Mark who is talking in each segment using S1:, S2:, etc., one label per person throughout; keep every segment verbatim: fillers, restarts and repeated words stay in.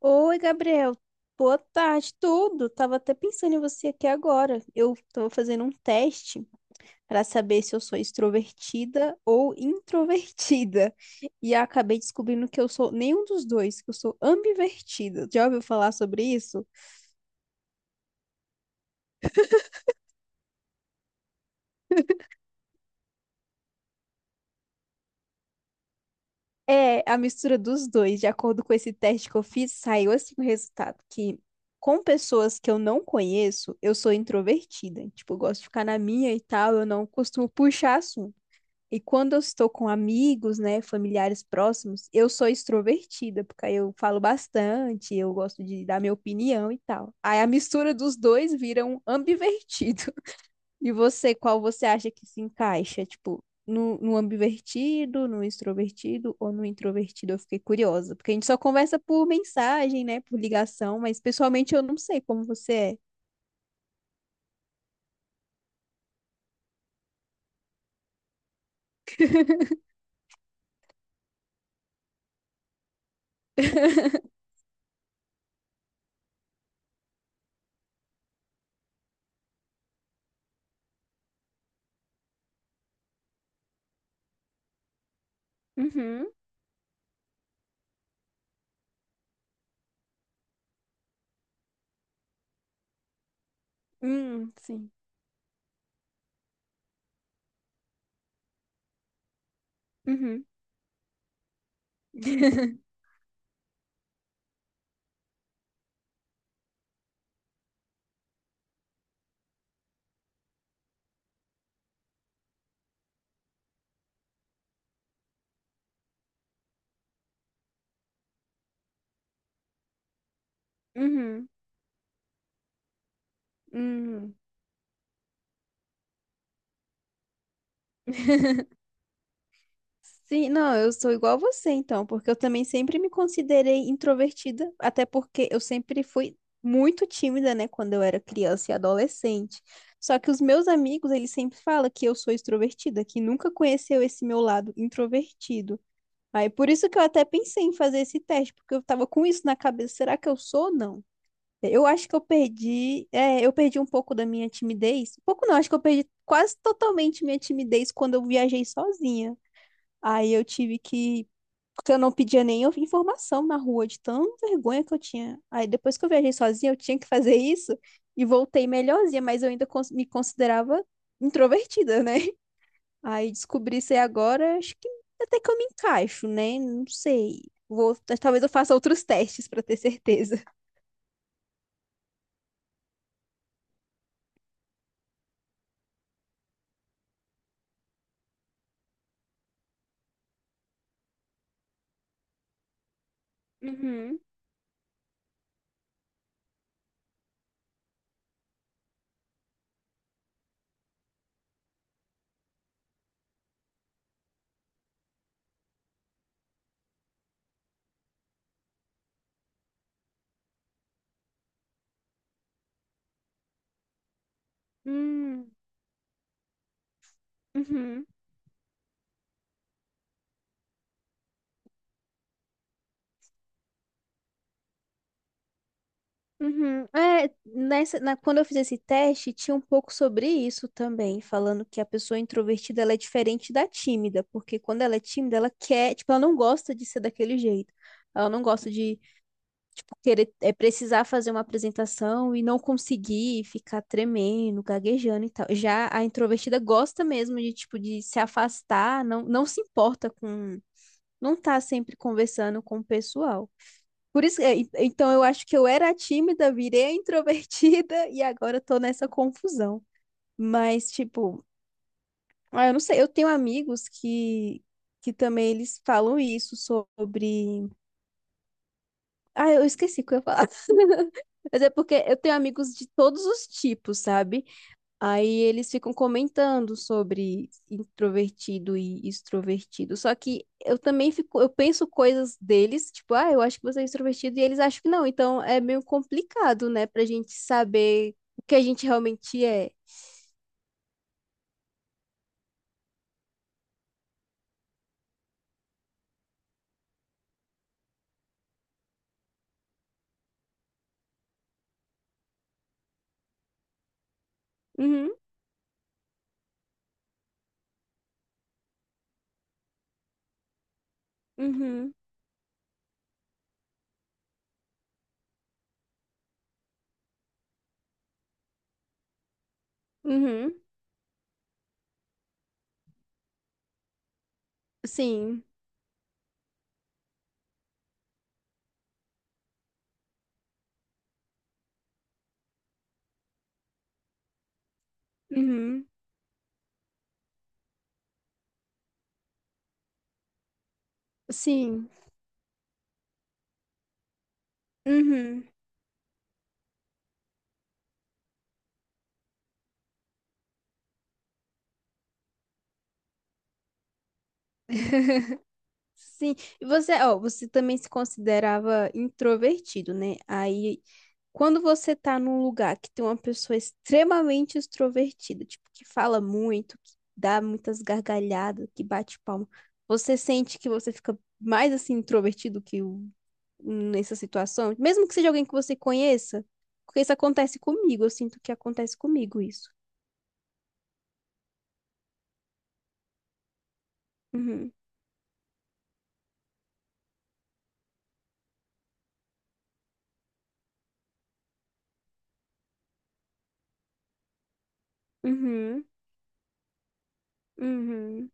S1: Oi, Gabriel. Boa tarde, tudo. Tava até pensando em você aqui agora. Eu tô fazendo um teste para saber se eu sou extrovertida ou introvertida. E acabei descobrindo que eu sou nenhum dos dois, que eu sou ambivertida. Já ouviu falar sobre isso? É a mistura dos dois. De acordo com esse teste que eu fiz, saiu assim o resultado que com pessoas que eu não conheço, eu sou introvertida. Tipo, eu gosto de ficar na minha e tal, eu não costumo puxar assunto. E quando eu estou com amigos, né, familiares próximos, eu sou extrovertida, porque aí eu falo bastante, eu gosto de dar minha opinião e tal. Aí a mistura dos dois vira um ambivertido. E você, qual você acha que se encaixa? Tipo, no, no ambivertido, no extrovertido ou no introvertido? Eu fiquei curiosa, porque a gente só conversa por mensagem, né, por ligação, mas pessoalmente eu não sei como você é. Uhum. Hum, sim. Uhum. Uhum. Uhum. Sim, não, eu sou igual a você então, porque eu também sempre me considerei introvertida, até porque eu sempre fui muito tímida, né, quando eu era criança e adolescente. Só que os meus amigos, eles sempre falam que eu sou extrovertida, que nunca conheceu esse meu lado introvertido. Aí por isso que eu até pensei em fazer esse teste, porque eu tava com isso na cabeça, será que eu sou ou não? Eu acho que eu perdi, é, eu perdi um pouco da minha timidez. Um pouco não, acho que eu perdi quase totalmente minha timidez quando eu viajei sozinha. Aí eu tive que. Porque eu não pedia nem informação na rua, de tão vergonha que eu tinha. Aí depois que eu viajei sozinha, eu tinha que fazer isso e voltei melhorzinha, mas eu ainda cons- me considerava introvertida, né? Aí descobri isso aí agora, acho que até que eu me encaixo, né? Não sei. Vou, talvez eu faça outros testes pra ter certeza. Uhum. Hum. Uhum. Uhum. É, nessa, na, quando eu fiz esse teste, tinha um pouco sobre isso também, falando que a pessoa introvertida ela é diferente da tímida, porque quando ela é tímida, ela quer, tipo, ela não gosta de ser daquele jeito. Ela não gosta de, tipo, querer, é, precisar fazer uma apresentação e não conseguir ficar tremendo, gaguejando e tal. Já a introvertida gosta mesmo de, tipo, de se afastar, não, não se importa com, não tá sempre conversando com o pessoal. Por isso, é, e- então eu acho que eu era tímida, virei a introvertida e agora eu tô nessa confusão. Mas, tipo, ah, eu não sei, eu tenho amigos que, que também eles falam isso sobre. Ah, eu esqueci o que eu ia falar. Mas é porque eu tenho amigos de todos os tipos, sabe? Aí eles ficam comentando sobre introvertido e extrovertido. Só que eu também fico, eu penso coisas deles, tipo, ah, eu acho que você é extrovertido e eles acham que não. Então é meio complicado, né, pra gente saber o que a gente realmente é. Uhum, uhum, uhum. Sim, uhum, sim, uhum. Sim, e você, ó, você também se considerava introvertido, né? Aí quando você tá num lugar que tem uma pessoa extremamente extrovertida, tipo, que fala muito, que dá muitas gargalhadas, que bate palma, você sente que você fica mais assim introvertido que o- nessa situação, mesmo que seja alguém que você conheça, porque isso acontece comigo, eu sinto que acontece comigo isso. Uhum, uhum, uhum,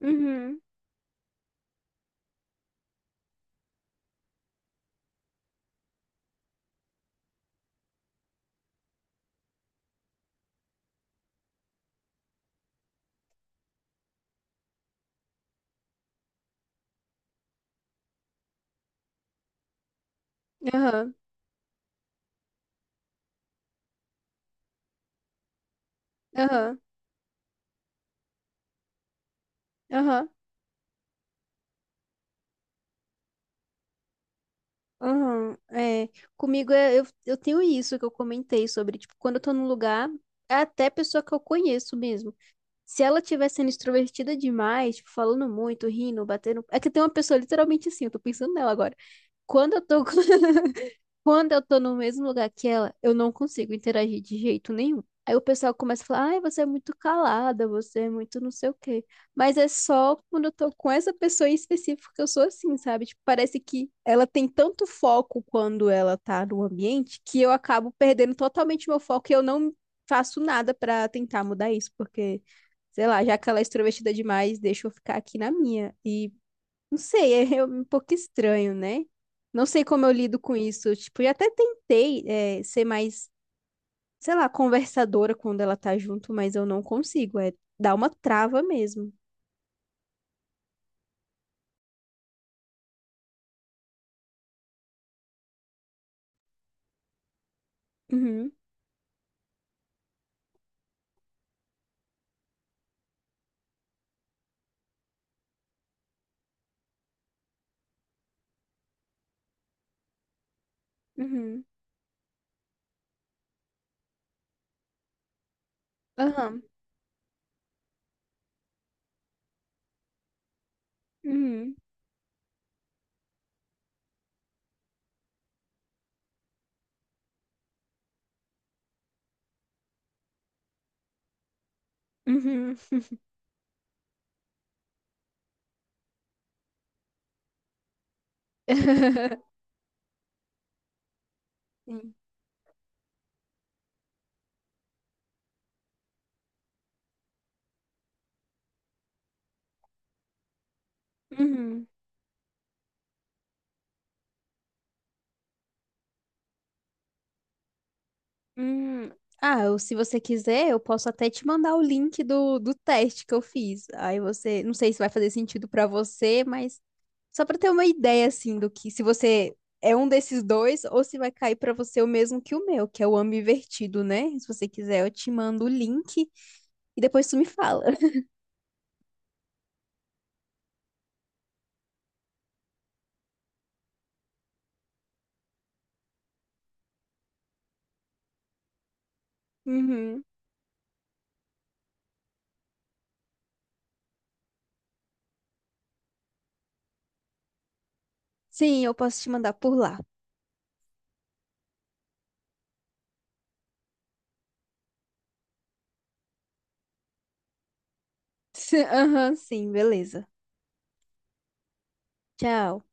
S1: uhum, aham, aham, aham. Aham, é, comigo é, eu, eu tenho isso que eu comentei sobre, tipo, quando eu tô num lugar, é até pessoa que eu conheço mesmo. Se ela estiver sendo extrovertida demais, tipo, falando muito, rindo, batendo. É que tem uma pessoa literalmente assim, eu tô pensando nela agora. Quando eu tô. Quando eu tô no mesmo lugar que ela, eu não consigo interagir de jeito nenhum. Aí o pessoal começa a falar, ai, você é muito calada, você é muito não sei o quê. Mas é só quando eu tô com essa pessoa em específico que eu sou assim, sabe? Tipo, parece que ela tem tanto foco quando ela tá no ambiente que eu acabo perdendo totalmente meu foco e eu não faço nada pra tentar mudar isso, porque, sei lá, já que ela é extrovertida demais, deixa eu ficar aqui na minha. E não sei, é é um pouco estranho, né? Não sei como eu lido com isso. Tipo, eu até tentei, é, ser mais, sei lá, conversadora quando ela tá junto, mas eu não consigo. É, dá uma trava mesmo. Uhum, uhum, aham, uhum, uhum. Sim. Uhum. Hum, ah, eu- se você quiser, eu posso até te mandar o link do, do teste que eu fiz. Aí você, não sei se vai fazer sentido pra você, mas só pra ter uma ideia assim do que se você é um desses dois ou se vai cair pra você o mesmo que o meu, que é o ambivertido, né? Se você quiser, eu te mando o link e depois tu me fala. Uhum. Sim, eu posso te mandar por lá. Aham, sim, beleza. Tchau.